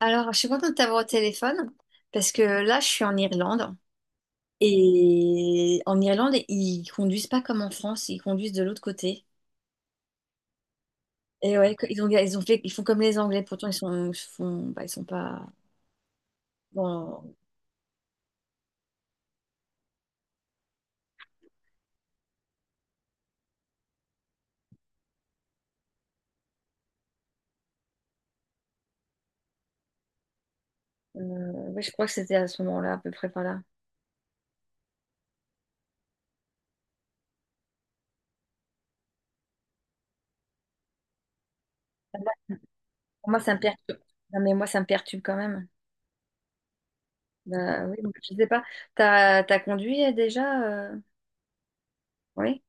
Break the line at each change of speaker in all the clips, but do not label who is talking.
Alors, je suis contente de t'avoir au téléphone parce que là, je suis en Irlande et en Irlande, ils conduisent pas comme en France, ils conduisent de l'autre côté. Et ouais, ils ont, ils font comme les Anglais, pourtant ils font, bah, ils sont pas. Bon, euh, ouais, je crois que c'était à ce moment-là, à peu près par là. Moi, pour moi, ça me perturbe. Non, mais moi, ça me perturbe quand même. Bah, oui, donc, je sais pas. T'as conduit déjà euh, oui.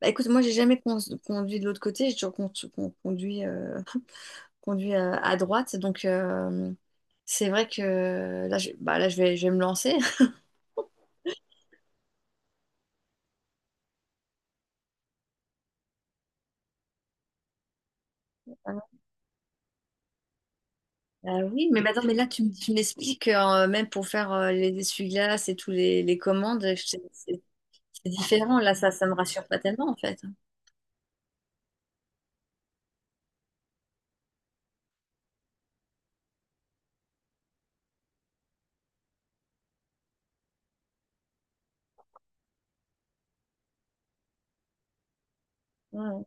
Bah, écoute, moi, j'ai jamais con- conduit de l'autre côté, j'ai toujours conduit. Conduit à droite. Donc, c'est vrai que là, bah, là, je vais me lancer. Ah oui, mais bah, attends, mais là, tu m'expliques, même pour faire les essuie-glaces et les commandes, c'est c'est différent. Ça me rassure pas tellement, en fait. Ouais.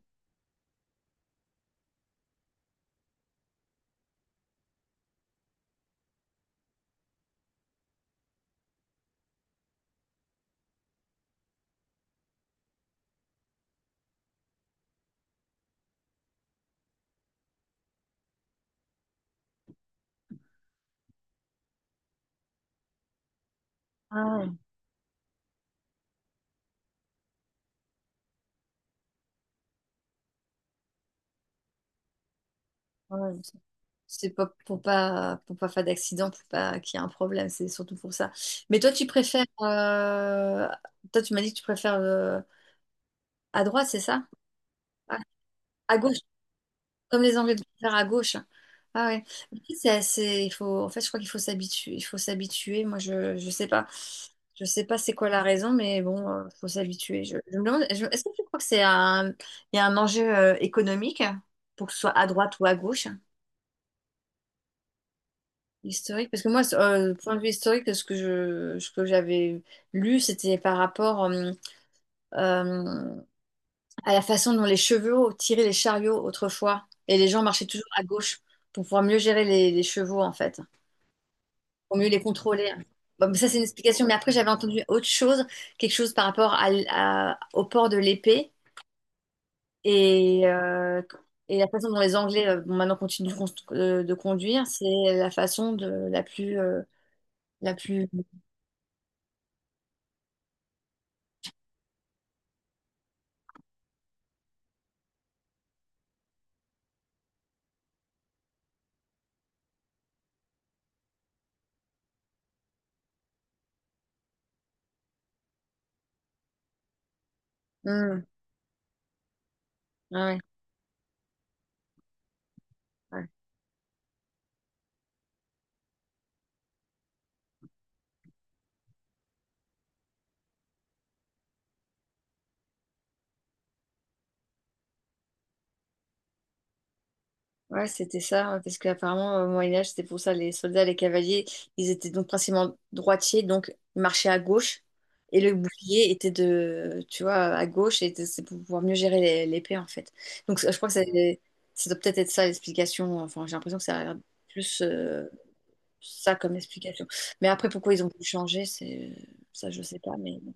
Ah ouais, ouais. C'est pas pour pas faire d'accident, pour pas qu'il y ait un problème, c'est surtout pour ça. Mais toi, tu préfères, toi, tu m'as dit que tu préfères à droite, c'est ça? À, à gauche, comme les Anglais de faire à gauche. Ah ouais. Mais il faut, en fait, je crois qu'il faut s'habituer. Il faut s'habituer. Moi, je sais pas. Je sais pas c'est quoi la raison, mais bon, faut s'habituer. Je me demande, est-ce que tu crois que il y a un enjeu économique pour que ce soit à droite ou à gauche? Historique, parce que moi, point de vue historique, ce que j'avais lu, c'était par rapport euh, à la façon dont les chevaux tiraient les chariots autrefois, et les gens marchaient toujours à gauche pour pouvoir mieux gérer les chevaux, en fait. Pour mieux les contrôler. Bon, mais ça, c'est une explication. Mais après, j'avais entendu autre chose, quelque chose par rapport au port de l'épée et, euh, et la façon dont les Anglais, bon, maintenant, continuent de conduire, c'est la façon la plus, la plus. Hmm, ouais, ouais. Ouais, c'était ça, hein, parce qu'apparemment, au Moyen-Âge, c'était pour ça, les soldats, les cavaliers, ils étaient donc principalement droitiers, donc ils marchaient à gauche, et le bouclier était de, tu vois, à gauche, et c'est pour pouvoir mieux gérer l'épée, en fait. Donc je crois que ça doit peut-être être ça l'explication, enfin j'ai l'impression que ça a l'air plus ça comme explication. Mais après, pourquoi ils ont voulu changer, c'est ça, je sais pas, mais bon.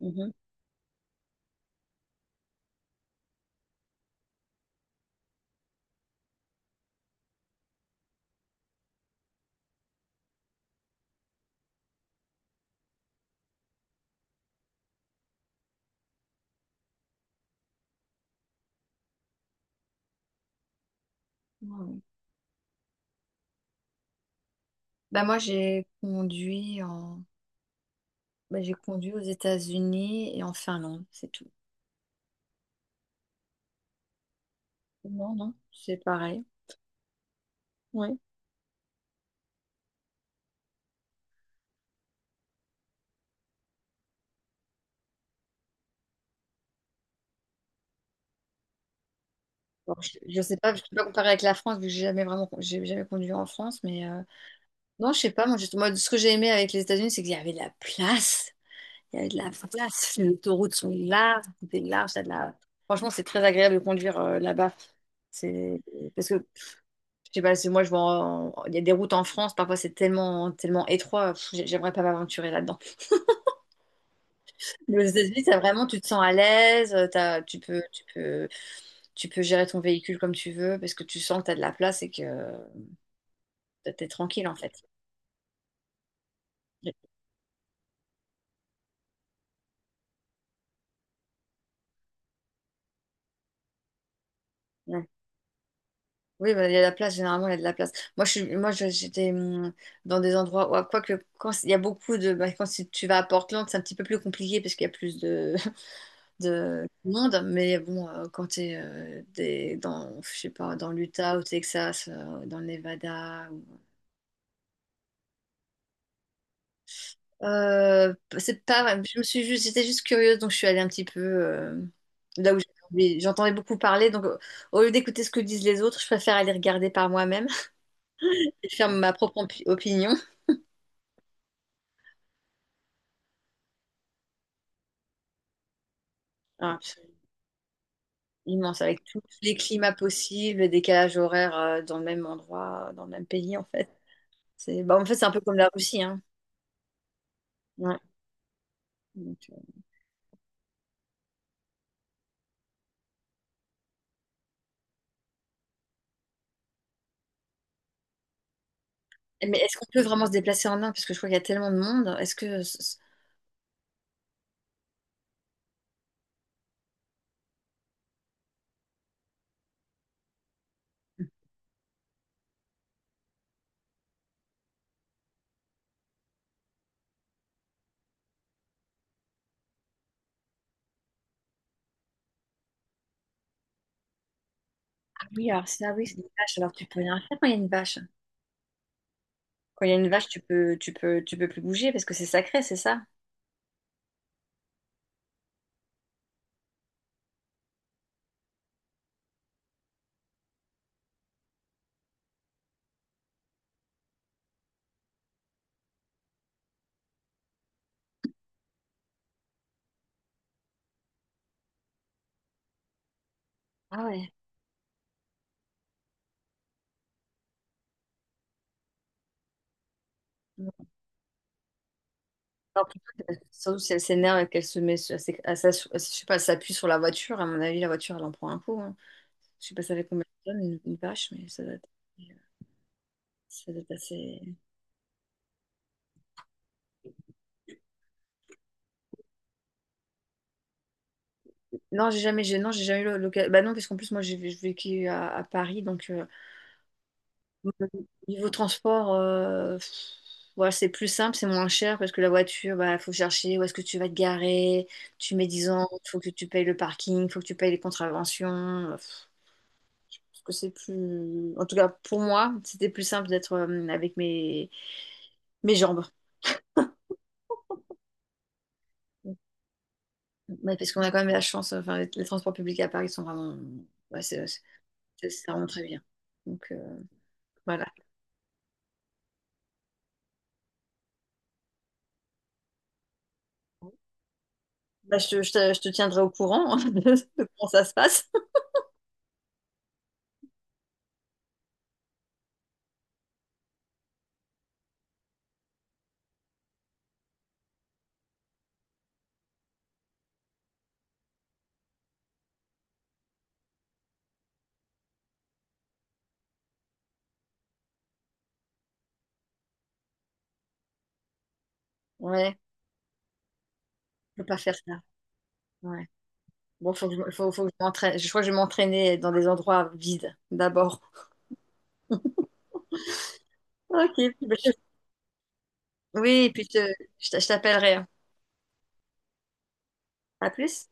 Mhm. Ouais. Bah moi, j'ai conduit en, bah, j'ai conduit aux États-Unis et en Finlande, c'est tout. Non, non, c'est pareil. Ouais. Bon, je sais pas, je peux pas comparer avec la France, vu que j'ai jamais conduit en France, mais non, je sais pas. Moi, moi, ce que j'ai aimé avec les États-Unis, c'est qu'il y avait de la place. Il y avait de la place. Les autoroutes sont larges, tout est large. T'as de la... Franchement, c'est très agréable de conduire là-bas. C'est parce que je sais pas, je vois, il y a des routes en France, parfois c'est tellement, tellement étroit. Pff, j'aimerais pas m'aventurer là-dedans. Mais aux États-Unis, t'as vraiment, tu te sens à l'aise. Tu peux, tu peux. Tu peux gérer ton véhicule comme tu veux parce que tu sens que tu as de la place et que tu es tranquille en fait. Ouais. Oui, bah, il y a de la place, généralement, il y a de la place. Moi, j'étais dans des endroits où, quoique, quand il y a beaucoup de. Bah, quand tu vas à Portland, c'est un petit peu plus compliqué parce qu'il y a plus de, de monde. Mais bon, quand tu es dans, je sais pas, dans l'Utah, au Texas, dans le Nevada. C'est pas, je me suis juste, j'étais juste curieuse, donc je suis allée un petit peu là où j'entendais beaucoup parler. Donc, au lieu d'écouter ce que disent les autres, je préfère aller regarder par moi-même et faire ma propre opinion. Ah, c'est immense, avec tous les climats possibles, les décalages horaires dans le même endroit, dans le même pays, en fait. C'est, bah, en fait, c'est un peu comme la Russie, hein. Ouais. Donc, mais est-ce qu'on peut vraiment se déplacer en Inde? Parce que je crois qu'il y a tellement de monde. Est-ce que... ah oui, alors ça, oui, c'est des vaches. Alors tu peux rien faire quand il y a une vache. Quand il y a une vache, tu peux plus bouger parce que c'est sacré, c'est ça? Ah ouais. Alors, plutôt, surtout si elle s'énerve et qu'elle se met, sur- à s'é- à s'ass- je sais pas, elle s'appuie sur la voiture, à mon avis, la voiture, elle en prend un coup. Hein. Je sais pas, ça fait combien de tonnes, une vache, mais ça doit être assez... Non, j'ai jamais, j'ai, non, j'ai jamais eu l'occasion. Bah non, parce qu'en plus, moi, j'ai vécu à Paris, donc... Euh, niveau transport, ouais, c'est plus simple, c'est moins cher parce que la voiture, bah, faut chercher où est-ce que tu vas te garer, tu mets dix ans, faut que tu payes le parking, faut que tu payes les contraventions. Euh, pff, parce que c'est plus. En tout cas, pour moi, c'était plus simple d'être avec mes, mes jambes. Ouais, parce qu'on a quand même la chance, enfin, les transports publics à Paris sont vraiment. Ouais, c'est c'est- c'est vraiment très bien. Donc voilà. Bah, je te tiendrai au courant de comment ça se passe. Ouais, je peux pas faire ça. Ouais. Bon, faut que je m'entraîne. Je crois que je vais m'entraîner dans des endroits vides d'abord. Ok. Puis, bah, je. Oui, je je t'appellerai. Hein. À plus.